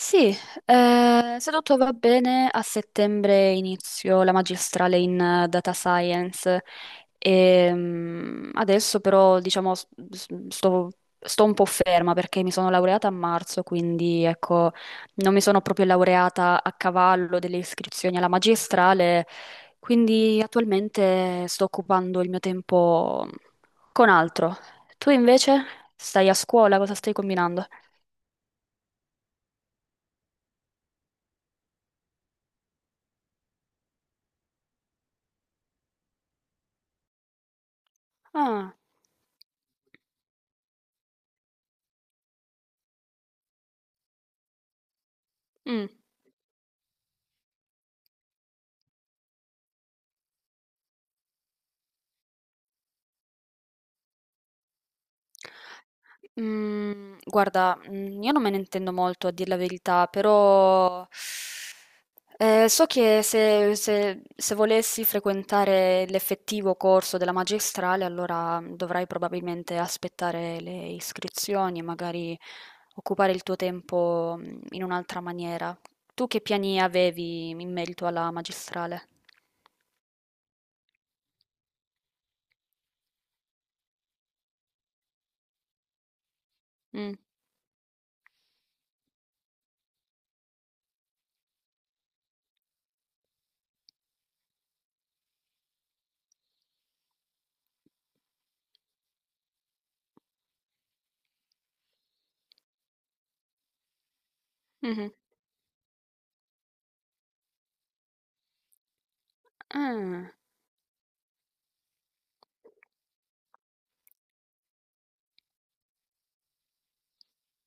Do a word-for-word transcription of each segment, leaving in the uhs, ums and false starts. Sì, eh, se tutto va bene, a settembre inizio la magistrale in eh, data science. E, mm, adesso però, diciamo, s- s- sto, sto un po' ferma perché mi sono laureata a marzo, quindi ecco, non mi sono proprio laureata a cavallo delle iscrizioni alla magistrale, quindi attualmente sto occupando il mio tempo con altro. Tu invece stai a scuola, cosa stai combinando? Ah, mm. Mhmm, guarda, mhmm, io non me ne intendo molto a dir la verità, però, ehm, so che se se se volessi frequentare l'effettivo corso della magistrale, allora, mhmm, dovrai probabilmente aspettare le iscrizioni e magari occupare il tuo tempo, mhmm, in un'altra maniera. Tu che piani avevi in merito alla magistrale? Mh, mh-mh. Ah,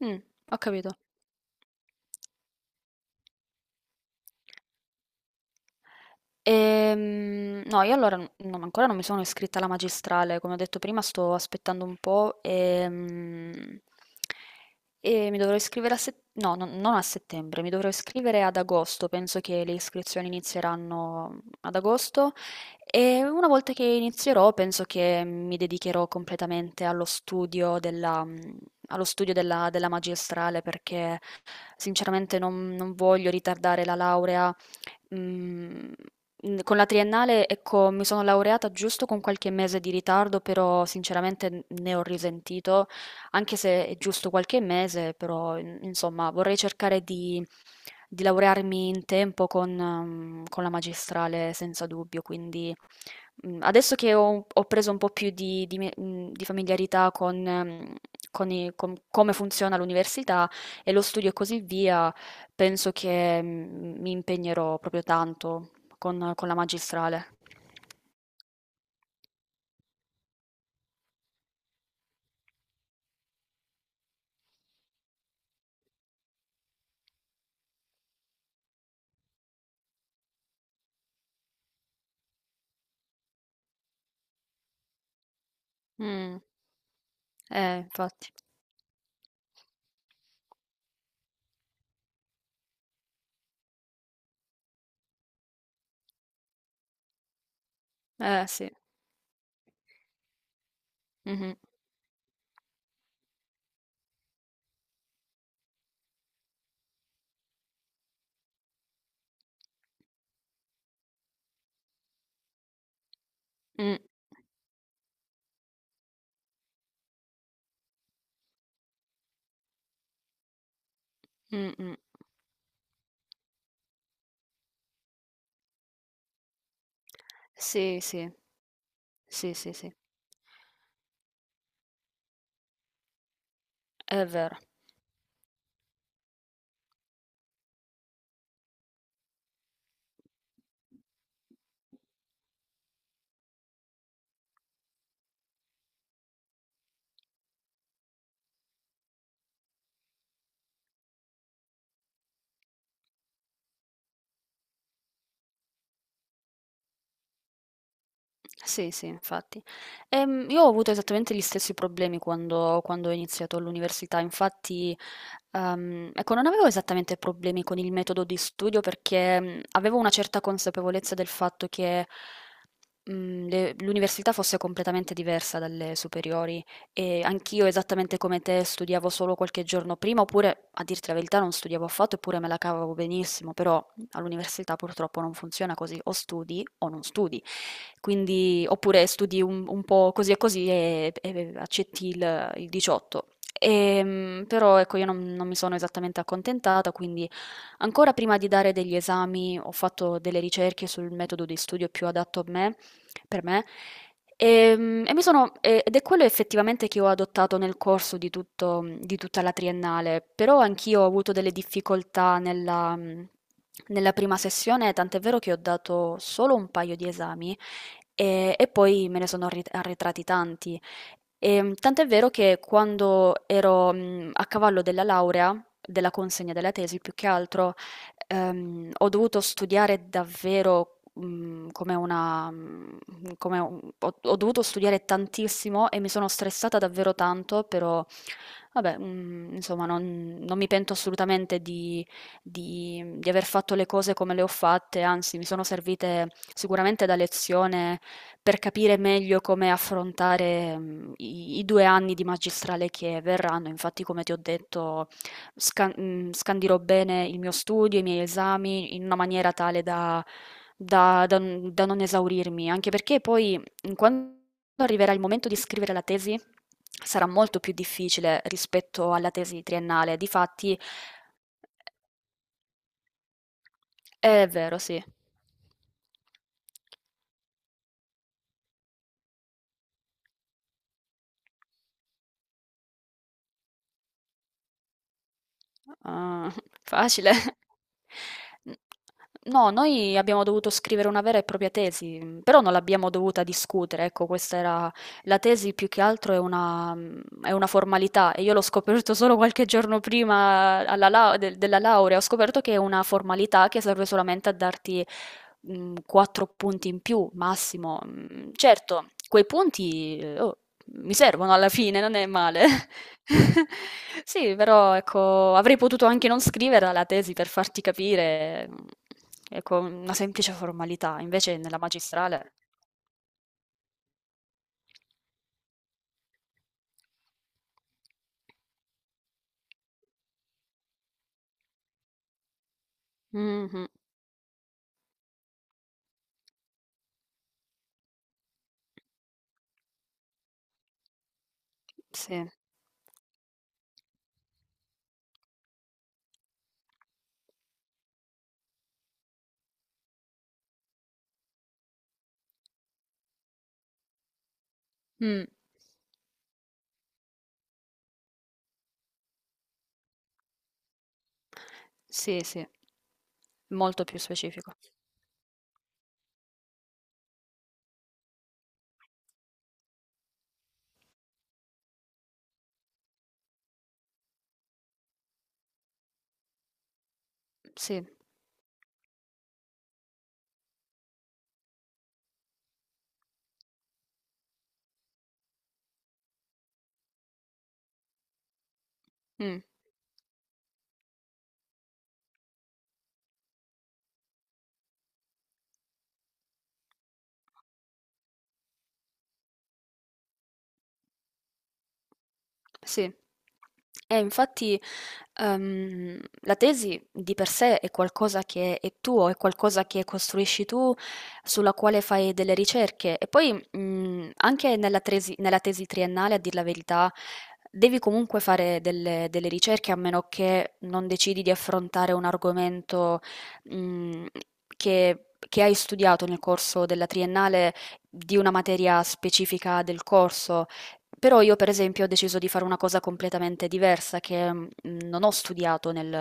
mh, ho capito. Ehm, no, io allora n- non- ancora non mi sono iscritta alla magistrale, come ho detto prima sto aspettando un po', ehm, e, mi dovrò iscrivere a settembre, no, non non a settembre, mi dovrò iscrivere ad agosto, penso che le iscrizioni inizieranno ad agosto e una volta che inizierò penso che mi dedicherò completamente allo studio della, allo studio della, della magistrale perché sinceramente non non voglio ritardare la laurea. Mm. Mm. Con la triennale, ecco, mi sono laureata giusto con qualche mese di ritardo, però sinceramente n- ne ho risentito, anche se è giusto qualche mese, però in- insomma vorrei cercare di, di laurearmi in tempo con, ehm, con la magistrale senza dubbio, quindi, mm, adesso che ho, ho preso un po' più di, di me- mm, di familiarità con, ehm, con i- con come funziona l'università e lo studio e così via, penso che, mm, mi impegnerò proprio tanto. Con con la magistrale. Mh. Eh, infatti. Eh, sì. Mh-mh. Mh. Mh-mh. Sì, sì. Sì, sì, sì. È vero. Sì, sì, infatti. Ehm, io ho avuto esattamente gli stessi problemi quando, quando ho iniziato all'università, infatti, ehm, ecco, non avevo esattamente problemi con il metodo di studio perché, mm, avevo una certa consapevolezza del fatto che, mm, le- l'università fosse completamente diversa dalle superiori e anch'io, esattamente come te, studiavo solo qualche giorno prima, oppure, a dirti la verità, non studiavo affatto, eppure me la cavavo benissimo, però all'università purtroppo non funziona così, o studi o non studi. Quindi, oppure studi un, un po' così e così e, e accetti il, il diciotto. Ehm, però ecco, io non, non mi sono esattamente accontentata, quindi ancora prima di dare degli esami ho fatto delle ricerche sul metodo di studio più adatto a me, per me, ehm, e, mi sono, e- ed è quello effettivamente che ho adottato nel corso di tutto, di tutta la triennale, però anch'io ho avuto delle difficoltà nella, nella prima sessione, tant'è vero che ho dato solo un paio di esami e, e poi me ne sono arri- arretrati tanti. Ehm, tant'è vero che quando ero, mhmm, a cavallo della laurea, della consegna della tesi più che altro, ehm, ho dovuto studiare davvero, mhmm, come una mhmm, come un ho ho dovuto studiare tantissimo e mi sono stressata davvero tanto, però vabbè, mhmm, insomma non non mi pento assolutamente di di mhmm, di aver fatto le cose come le ho fatte, anzi mi sono servite sicuramente da lezione per capire meglio come affrontare, mhmm, i i due anni di magistrale che verranno. Infatti, come ti ho detto, scan mhmm, scandirò bene il mio studio, i miei esami in una maniera tale da da da n da non esaurirmi, anche perché poi, mhmm, quando arriverà il momento di scrivere la tesi, sarà molto più difficile rispetto alla tesi triennale. Difatti è vero, sì. Ah, facile. N No, noi abbiamo dovuto scrivere una vera e propria tesi, mhmm, però non l'abbiamo dovuta discutere, ecco, questa era la tesi più che altro, è una mhmm, è una formalità e io l'ho scoperto solo qualche giorno prima alla lau del della laurea, ho scoperto che è una formalità che serve solamente a darti, mhmm, quattro punti in più massimo. Mhmm, certo, quei punti, eh, oh mi servono alla fine, non è male. Sì, però ecco, avrei potuto anche non scriverla la tesi per farti capire, mhmm, ecco, una semplice formalità, invece nella magistrale. Mh-mh. Sì. Mh. Sì, sì, molto più specifico. Sì. Mh. Sì. E infatti, ehm, la tesi di per sé è qualcosa che è tuo, è qualcosa che costruisci tu, sulla quale fai delle ricerche. E poi, mh, anche nella tesi, nella tesi triennale, a dir la verità, devi comunque fare delle, delle ricerche, a meno che non decidi di affrontare un argomento, mh, che che hai studiato nel corso della triennale di una materia specifica del corso. Però io per esempio ho deciso di fare una cosa completamente diversa che mh, non ho studiato nel,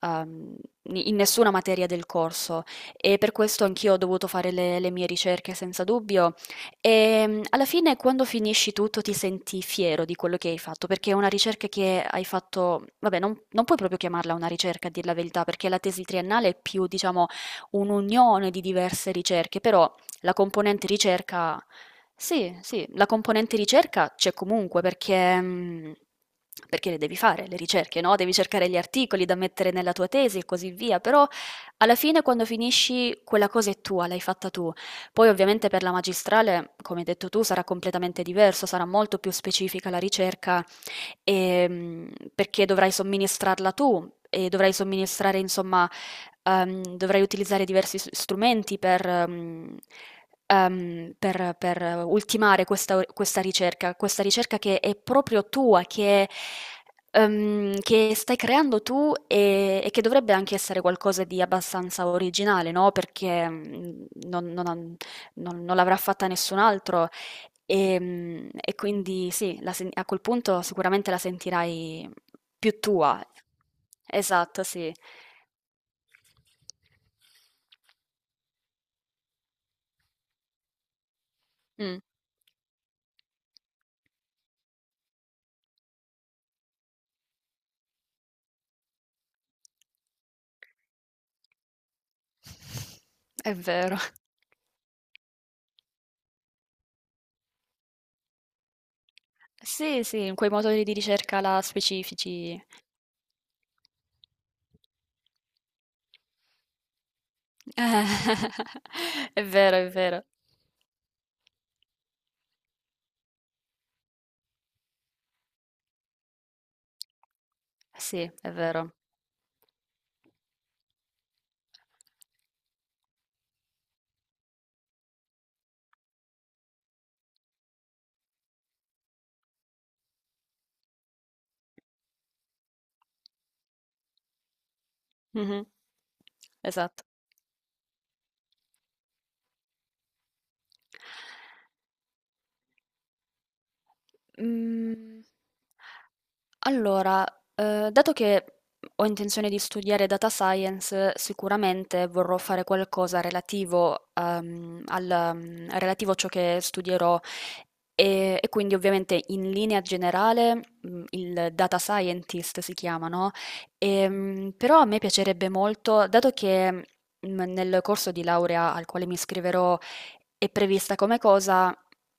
ehm, ni- in nessuna materia del corso e per questo anch'io ho dovuto fare le, le mie ricerche senza dubbio e mh, alla fine quando finisci tutto ti senti fiero di quello che hai fatto perché è una ricerca che hai fatto, vabbè non, non puoi proprio chiamarla una ricerca a dir la verità perché la tesi triennale è più diciamo un'unione di diverse ricerche, però la componente ricerca, sì, sì, la componente ricerca c'è comunque perché, mhmm, perché le devi fare le ricerche, no, devi cercare gli articoli da mettere nella tua tesi e così via, però alla fine quando finisci quella cosa è tua, l'hai fatta tu. Poi ovviamente per la magistrale, come hai detto tu, sarà completamente diverso, sarà molto più specifica la ricerca, ehm, perché dovrai somministrarla tu e dovrai somministrare, insomma, ehm, dovrai utilizzare diversi s- strumenti per, ehm, ehm, per- per ultimare questa, questa ricerca, questa ricerca che è proprio tua, che, ehm, che stai creando tu e, e che dovrebbe anche essere qualcosa di abbastanza originale, no? Perché mm, non, non ha- non- non l'avrà fatta nessun altro e, mm, e quindi sì, la sen- a quel punto sicuramente la sentirai più tua. Esatto, sì. Mm. È vero. Sì, sì, in quei motori di ricerca là specifici. È vero, è vero. Sì, è vero. Mhm. Esatto. Mhmm, allora, uhm, dato che ho intenzione di studiare data science, sicuramente vorrò fare qualcosa relativo, uhm, al mhmm, relativo a ciò che studierò e e quindi ovviamente in linea generale, mhmm, il data scientist si chiama, no, ehm, però a me piacerebbe molto, dato che, mhmm, nel corso di laurea al quale mi iscriverò è prevista come cosa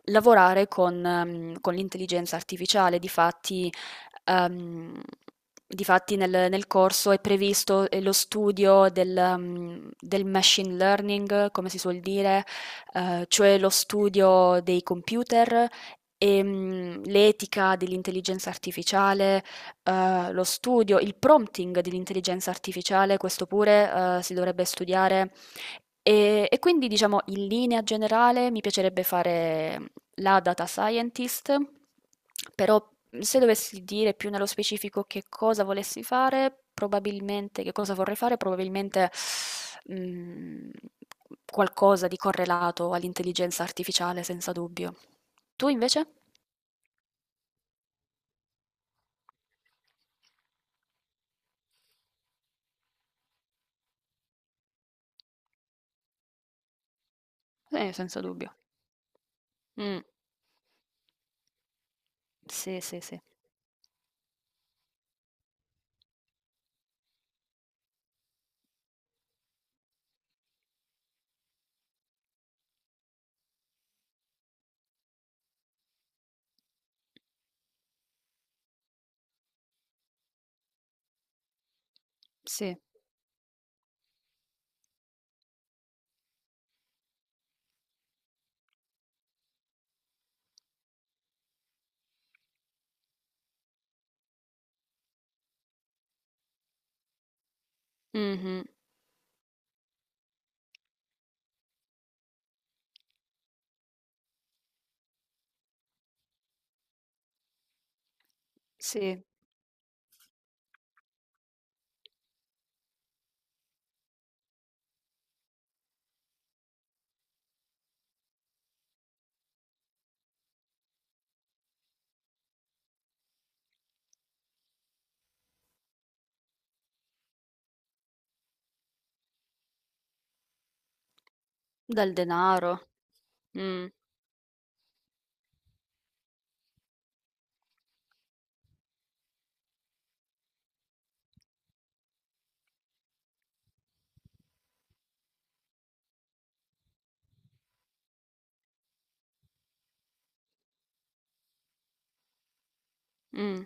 lavorare con mhmm, con l'intelligenza artificiale. Difatti, ehm, difatti nel nel corso è previsto, ehm, lo studio del mhmm, del machine learning, come si suol dire, ehm, cioè lo studio dei computer, ehm, l'etica dell'intelligenza artificiale, ehm, lo studio il prompting dell'intelligenza artificiale, questo pure, ehm, si dovrebbe studiare. Ehm, e quindi diciamo in linea generale mi piacerebbe fare la data scientist, però se dovessi dire più nello specifico che cosa volessi fare, probabilmente, che cosa vorrei fare, probabilmente, mm, qualcosa di correlato all'intelligenza artificiale, senza dubbio. Tu invece? Eh, senza dubbio. Mm. Sì, sì, sì. Sì. Mhm. Sì. Del denaro. Mm, mm.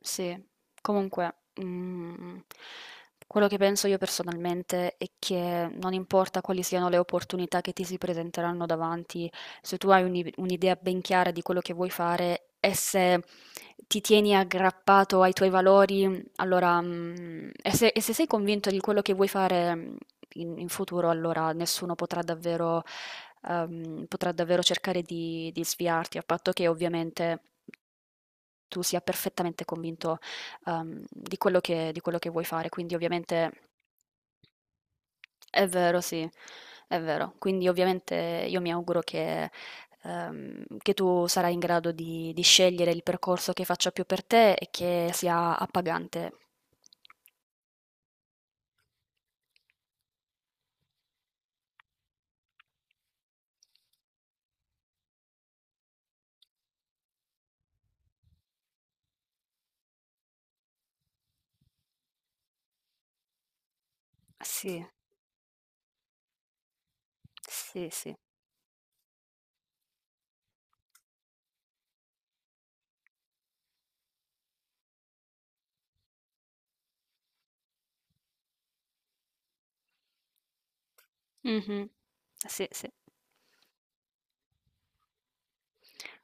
Sì, comunque, mm, quello che penso io personalmente è che non importa quali siano le opportunità che ti si presenteranno davanti, se tu hai un'i- un'idea ben chiara di quello che vuoi fare e se ti tieni aggrappato ai tuoi valori, allora, mm, e se, e se sei convinto di quello che vuoi fare, mm, in, in futuro, allora nessuno potrà davvero, ehm, potrà davvero cercare di, di sviarti, a patto che ovviamente tu sia perfettamente convinto, uhm, di quello che di quello che vuoi fare. Quindi ovviamente è vero, sì, è vero. Quindi ovviamente io mi auguro che, uhm, che tu sarai in grado di di scegliere il percorso che faccia più per te e che sia appagante. Sì, sì, sì. Mh-mh. Sì, sì.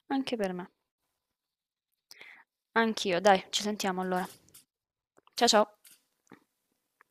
Anche per me. Anch'io, dai, ci sentiamo allora. Cia ciao.